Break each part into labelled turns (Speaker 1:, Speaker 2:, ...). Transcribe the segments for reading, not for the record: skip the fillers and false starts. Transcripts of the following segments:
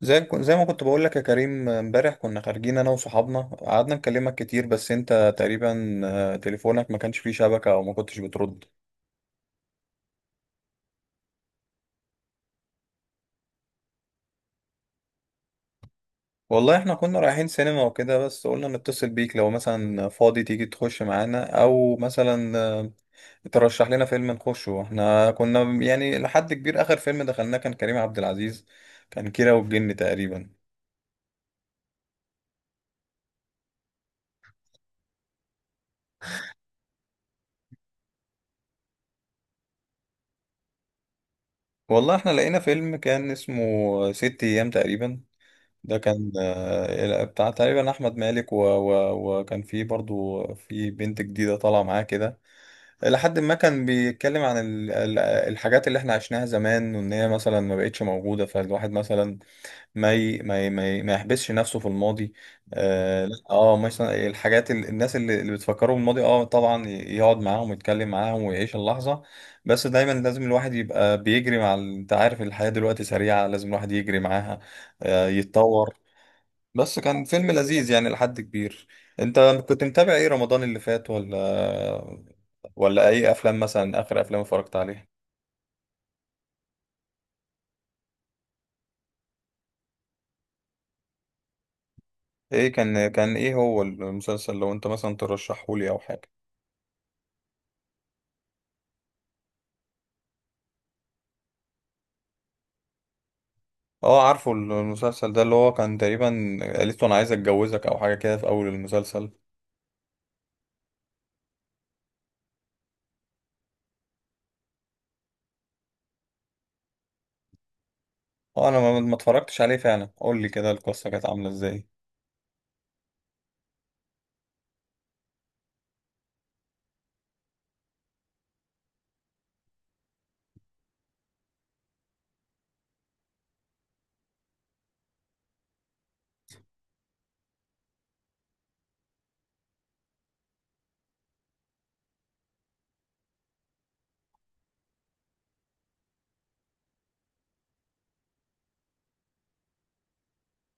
Speaker 1: زي ما كنت بقول لك يا كريم، امبارح كنا خارجين انا وصحابنا، قعدنا نكلمك كتير بس انت تقريبا تليفونك ما كانش فيه شبكة او ما كنتش بترد. والله احنا كنا رايحين سينما وكده، بس قلنا نتصل بيك لو مثلا فاضي تيجي تخش معانا او مثلا ترشح لنا فيلم نخشه. احنا كنا يعني لحد كبير اخر فيلم دخلناه كان كريم عبد العزيز، كان كيرة والجن تقريبا. والله احنا لقينا فيلم كان اسمه ست ايام تقريبا، ده كان بتاع تقريبا احمد مالك و... و... وكان في برضو في بنت جديده طالعه معاه كده، لحد ما كان بيتكلم عن الحاجات اللي احنا عشناها زمان، وان هي مثلا ما بقتش موجوده، فالواحد مثلا ما يحبسش نفسه في الماضي. اه لا، مثلا الحاجات الناس اللي بتفكروا بالماضي اه طبعا يقعد معاهم ويتكلم معاهم ويعيش اللحظه، بس دايما لازم الواحد يبقى بيجري مع انت عارف الحياه دلوقتي سريعه، لازم الواحد يجري معاها، يتطور. بس كان فيلم لذيذ يعني لحد كبير. انت كنت متابع ايه رمضان اللي فات، ولا ولا اي افلام مثلا اخر افلام اتفرجت عليها؟ ايه كان ايه هو المسلسل، لو انت مثلا ترشحه لي او حاجه؟ اه، عارفه المسلسل ده اللي هو كان تقريبا قالت له انا عايز اتجوزك او حاجه كده في اول المسلسل. اه، انا ما اتفرجتش عليه فعلا، قول لي كده القصه كانت عامله ازاي.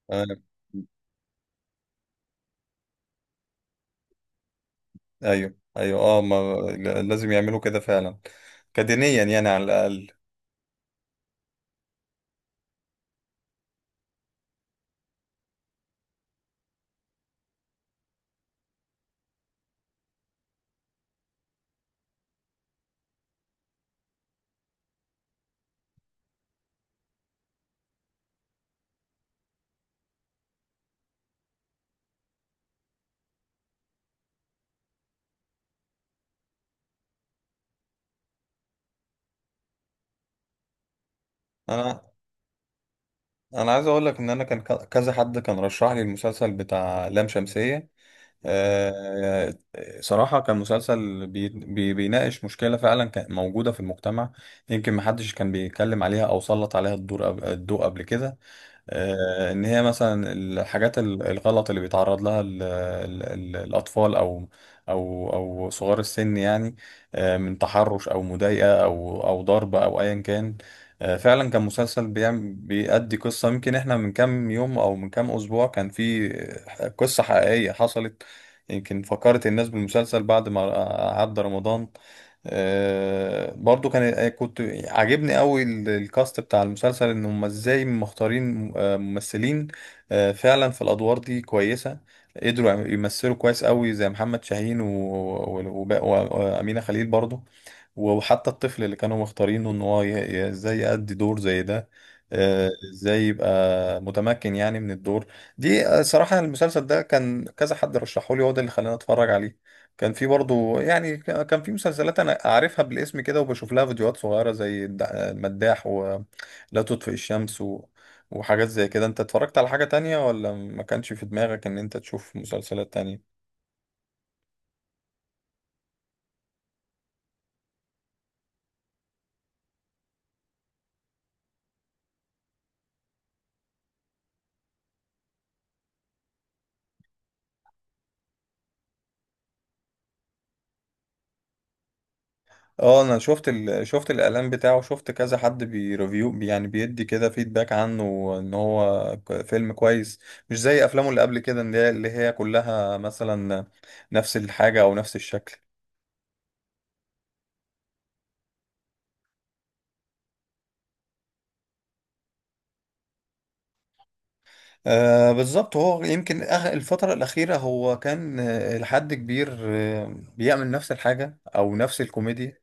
Speaker 1: آه، ايوه ايوه اه، ما لازم يعملوا كده فعلا، كدينيا يعني على الاقل. انا انا عايز اقول لك ان انا كان كذا حد كان رشح لي المسلسل بتاع لام شمسية. آه، صراحة كان مسلسل بي بي بيناقش مشكلة فعلا كانت موجودة في المجتمع، يمكن محدش كان بيتكلم عليها او سلط عليها الضوء قبل كده. ان هي مثلا الحاجات الغلط اللي بيتعرض لها ال ال ال الاطفال او صغار السن يعني، من تحرش او مضايقه او ضرب او ايا كان. فعلا كان مسلسل بيأدي قصه، يمكن احنا من كام يوم او من كام اسبوع كان في قصه حقيقيه حصلت، يمكن فكرت الناس بالمسلسل بعد ما عدى رمضان. آه، برضو كان آه، كنت عاجبني قوي الكاست بتاع المسلسل، ان هم ازاي مختارين ممثلين فعلا في الادوار دي كويسه، قدروا يمثلوا كويس قوي زي محمد شاهين و- و- وب- و- وامينه خليل برضو، وحتى الطفل اللي كانوا مختارينه ان هو ازاي يأدي دور زي ده، ازاي يبقى متمكن يعني من الدور. دي صراحة المسلسل ده كان كذا حد رشحه لي، هو ده اللي خلاني اتفرج عليه. كان في برضو يعني كان في مسلسلات انا اعرفها بالاسم كده وبشوف لها فيديوهات صغيرة، زي المداح ولا تطفئ الشمس وحاجات زي كده. انت اتفرجت على حاجة تانية ولا ما كانش في دماغك ان انت تشوف مسلسلات تانية؟ اه، انا شفت الاعلان بتاعه، شفت كذا حد بيريفيو يعني بيدي كده فيدباك عنه ان هو فيلم كويس، مش زي افلامه اللي قبل كده اللي هي كلها مثلا نفس الحاجة او نفس الشكل. آه بالظبط، هو يمكن الفترة الأخيرة هو كان لحد كبير بيعمل نفس الحاجة أو نفس الكوميديا،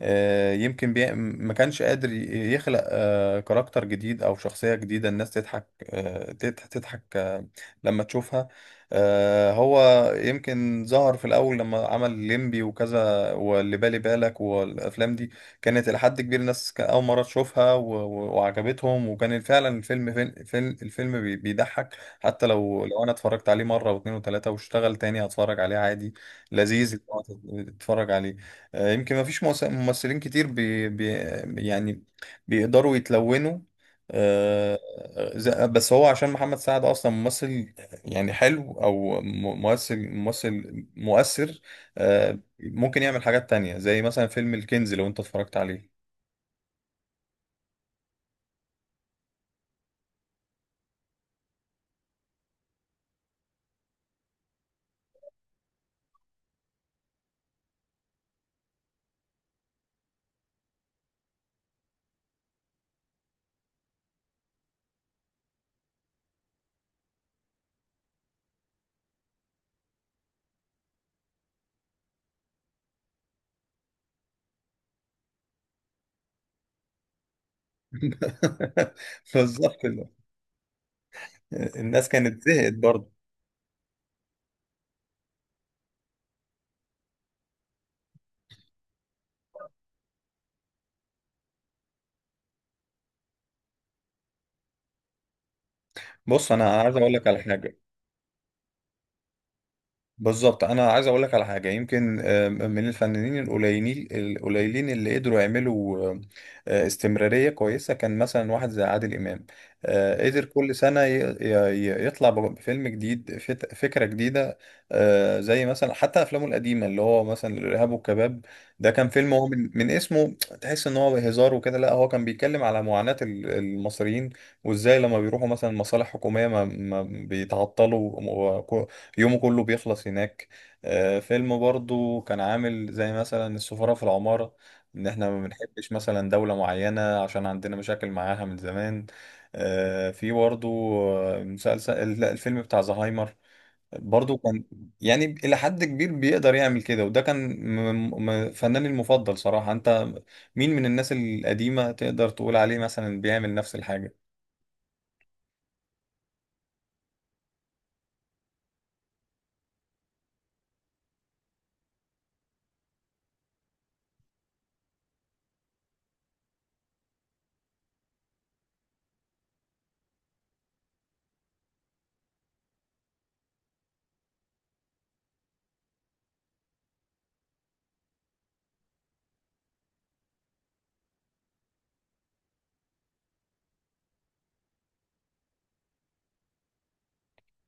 Speaker 1: ما كانش قادر يخلق كاركتر جديد او شخصية جديدة الناس تضحك، تضحك لما تشوفها. هو يمكن ظهر في الاول لما عمل ليمبي وكذا واللي بالي بالك والافلام دي كانت الى حد كبير الناس كان اول مرة تشوفها و... و- وعجبتهم، وكان فعلا الفيلم بيضحك، حتى لو انا اتفرجت عليه مرة واثنين وثلاثة واشتغل تاني هتفرج عليه عادي، لذيذ إن هو تتفرج عليه. يمكن ما فيش ممثلين كتير بي بي يعني بيقدروا يتلونوا، آه، بس هو عشان محمد سعد اصلا ممثل يعني حلو، او ممثل مؤثر. ممكن يعمل حاجات تانية زي مثلا فيلم الكنز لو انت اتفرجت عليه. بالظبط كده. الناس كانت زهقت برضه. بص انا عايز اقول لك على حاجة، بالظبط انا عايز اقول لك على حاجه، يمكن من الفنانين القليلين اللي قدروا يعملوا استمراريه كويسه، كان مثلا واحد زي عادل امام قدر كل سنه يطلع بفيلم جديد، فكره جديده. زي مثلا حتى افلامه القديمه اللي هو مثلا الارهاب والكباب، ده كان فيلم هو من اسمه تحس ان هو هزار وكده، لا هو كان بيتكلم على معاناه المصريين وازاي لما بيروحوا مثلا مصالح حكوميه ما بيتعطلوا يومه كله بيخلص هناك. فيلم برضو كان عامل زي مثلا السفارة في العمارة، ان احنا ما بنحبش مثلا دولة معينة عشان عندنا مشاكل معاها من زمان. في برضو آه، مسلسل لا الفيلم بتاع زهايمر، برضو كان يعني إلى حد كبير بيقدر يعمل كده، وده كان فناني المفضل صراحة. انت مين من الناس القديمة تقدر تقول عليه مثلا بيعمل نفس الحاجة؟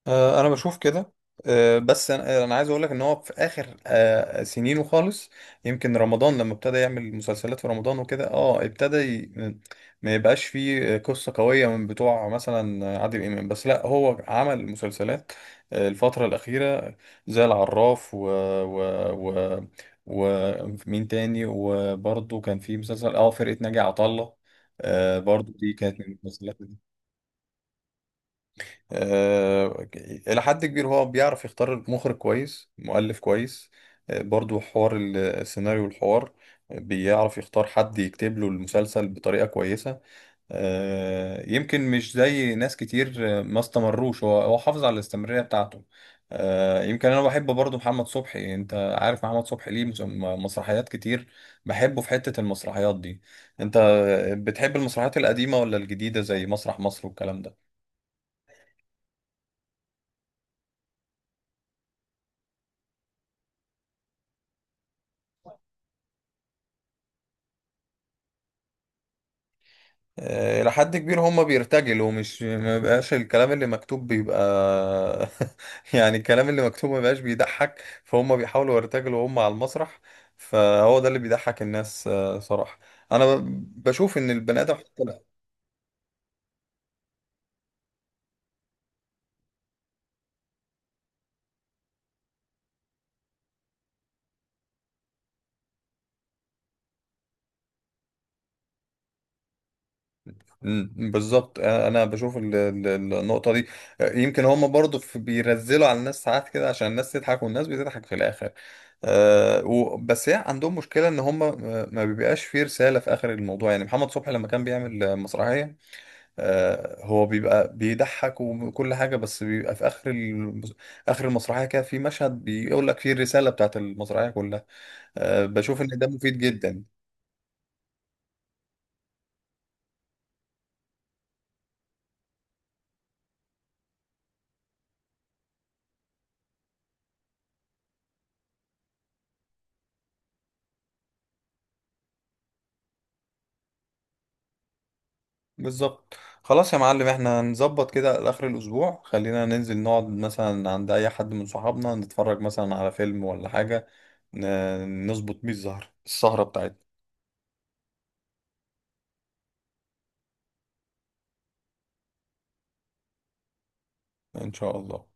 Speaker 1: انا بشوف كده. آه، بس انا آه، أنا عايز اقول لك ان هو في اخر سنينه خالص، يمكن رمضان لما ابتدى يعمل مسلسلات في رمضان وكده، اه ابتدى ما يبقاش فيه قصة قوية من بتوع مثلا عادل امام، بس لا هو عمل مسلسلات الفترة الأخيرة زي العراف و و و ومين تاني، وبرضه كان في مسلسل اه فرقة ناجي عطا الله، برضه دي كانت من المسلسلات. آه، إلى حد كبير هو بيعرف يختار مخرج كويس، مؤلف كويس، برضو حوار السيناريو والحوار، بيعرف يختار حد يكتب له المسلسل بطريقة كويسة. يمكن مش زي ناس كتير ما استمروش، هو حافظ على الاستمرارية بتاعته. يمكن أنا بحب برضو محمد صبحي، أنت عارف محمد صبحي ليه مسرحيات كتير، بحبه في حتة المسرحيات دي. أنت بتحب المسرحيات القديمة ولا الجديدة زي مسرح مصر والكلام ده؟ إلى حد كبير هم بيرتجلوا، مش ما بقاش الكلام اللي مكتوب بيبقى يعني الكلام اللي مكتوب ما بقاش بيضحك، فهم بيحاولوا يرتجلوا هم على المسرح، فهو ده اللي بيضحك الناس صراحة. أنا بشوف إن البني آدم، مم، بالظبط. انا بشوف النقطه دي، يمكن هم برضو بيرزلوا على الناس ساعات كده عشان الناس تضحك، والناس بتضحك في الاخر. بس هي عندهم مشكله ان هم ما بيبقاش فيه رساله في اخر الموضوع، يعني محمد صبحي لما كان بيعمل مسرحيه أه هو بيبقى بيضحك وكل حاجه، بس بيبقى في اخر المسرحيه كده في مشهد بيقول لك فيه الرساله بتاعت المسرحيه كلها. أه بشوف ان ده مفيد جدا. بالظبط. خلاص يا معلم، احنا هنظبط كده لاخر الاسبوع، خلينا ننزل نقعد مثلا عند اي حد من صحابنا نتفرج مثلا على فيلم ولا حاجه، نظبط بيه الزهر السهره بتاعتنا. ان شاء الله.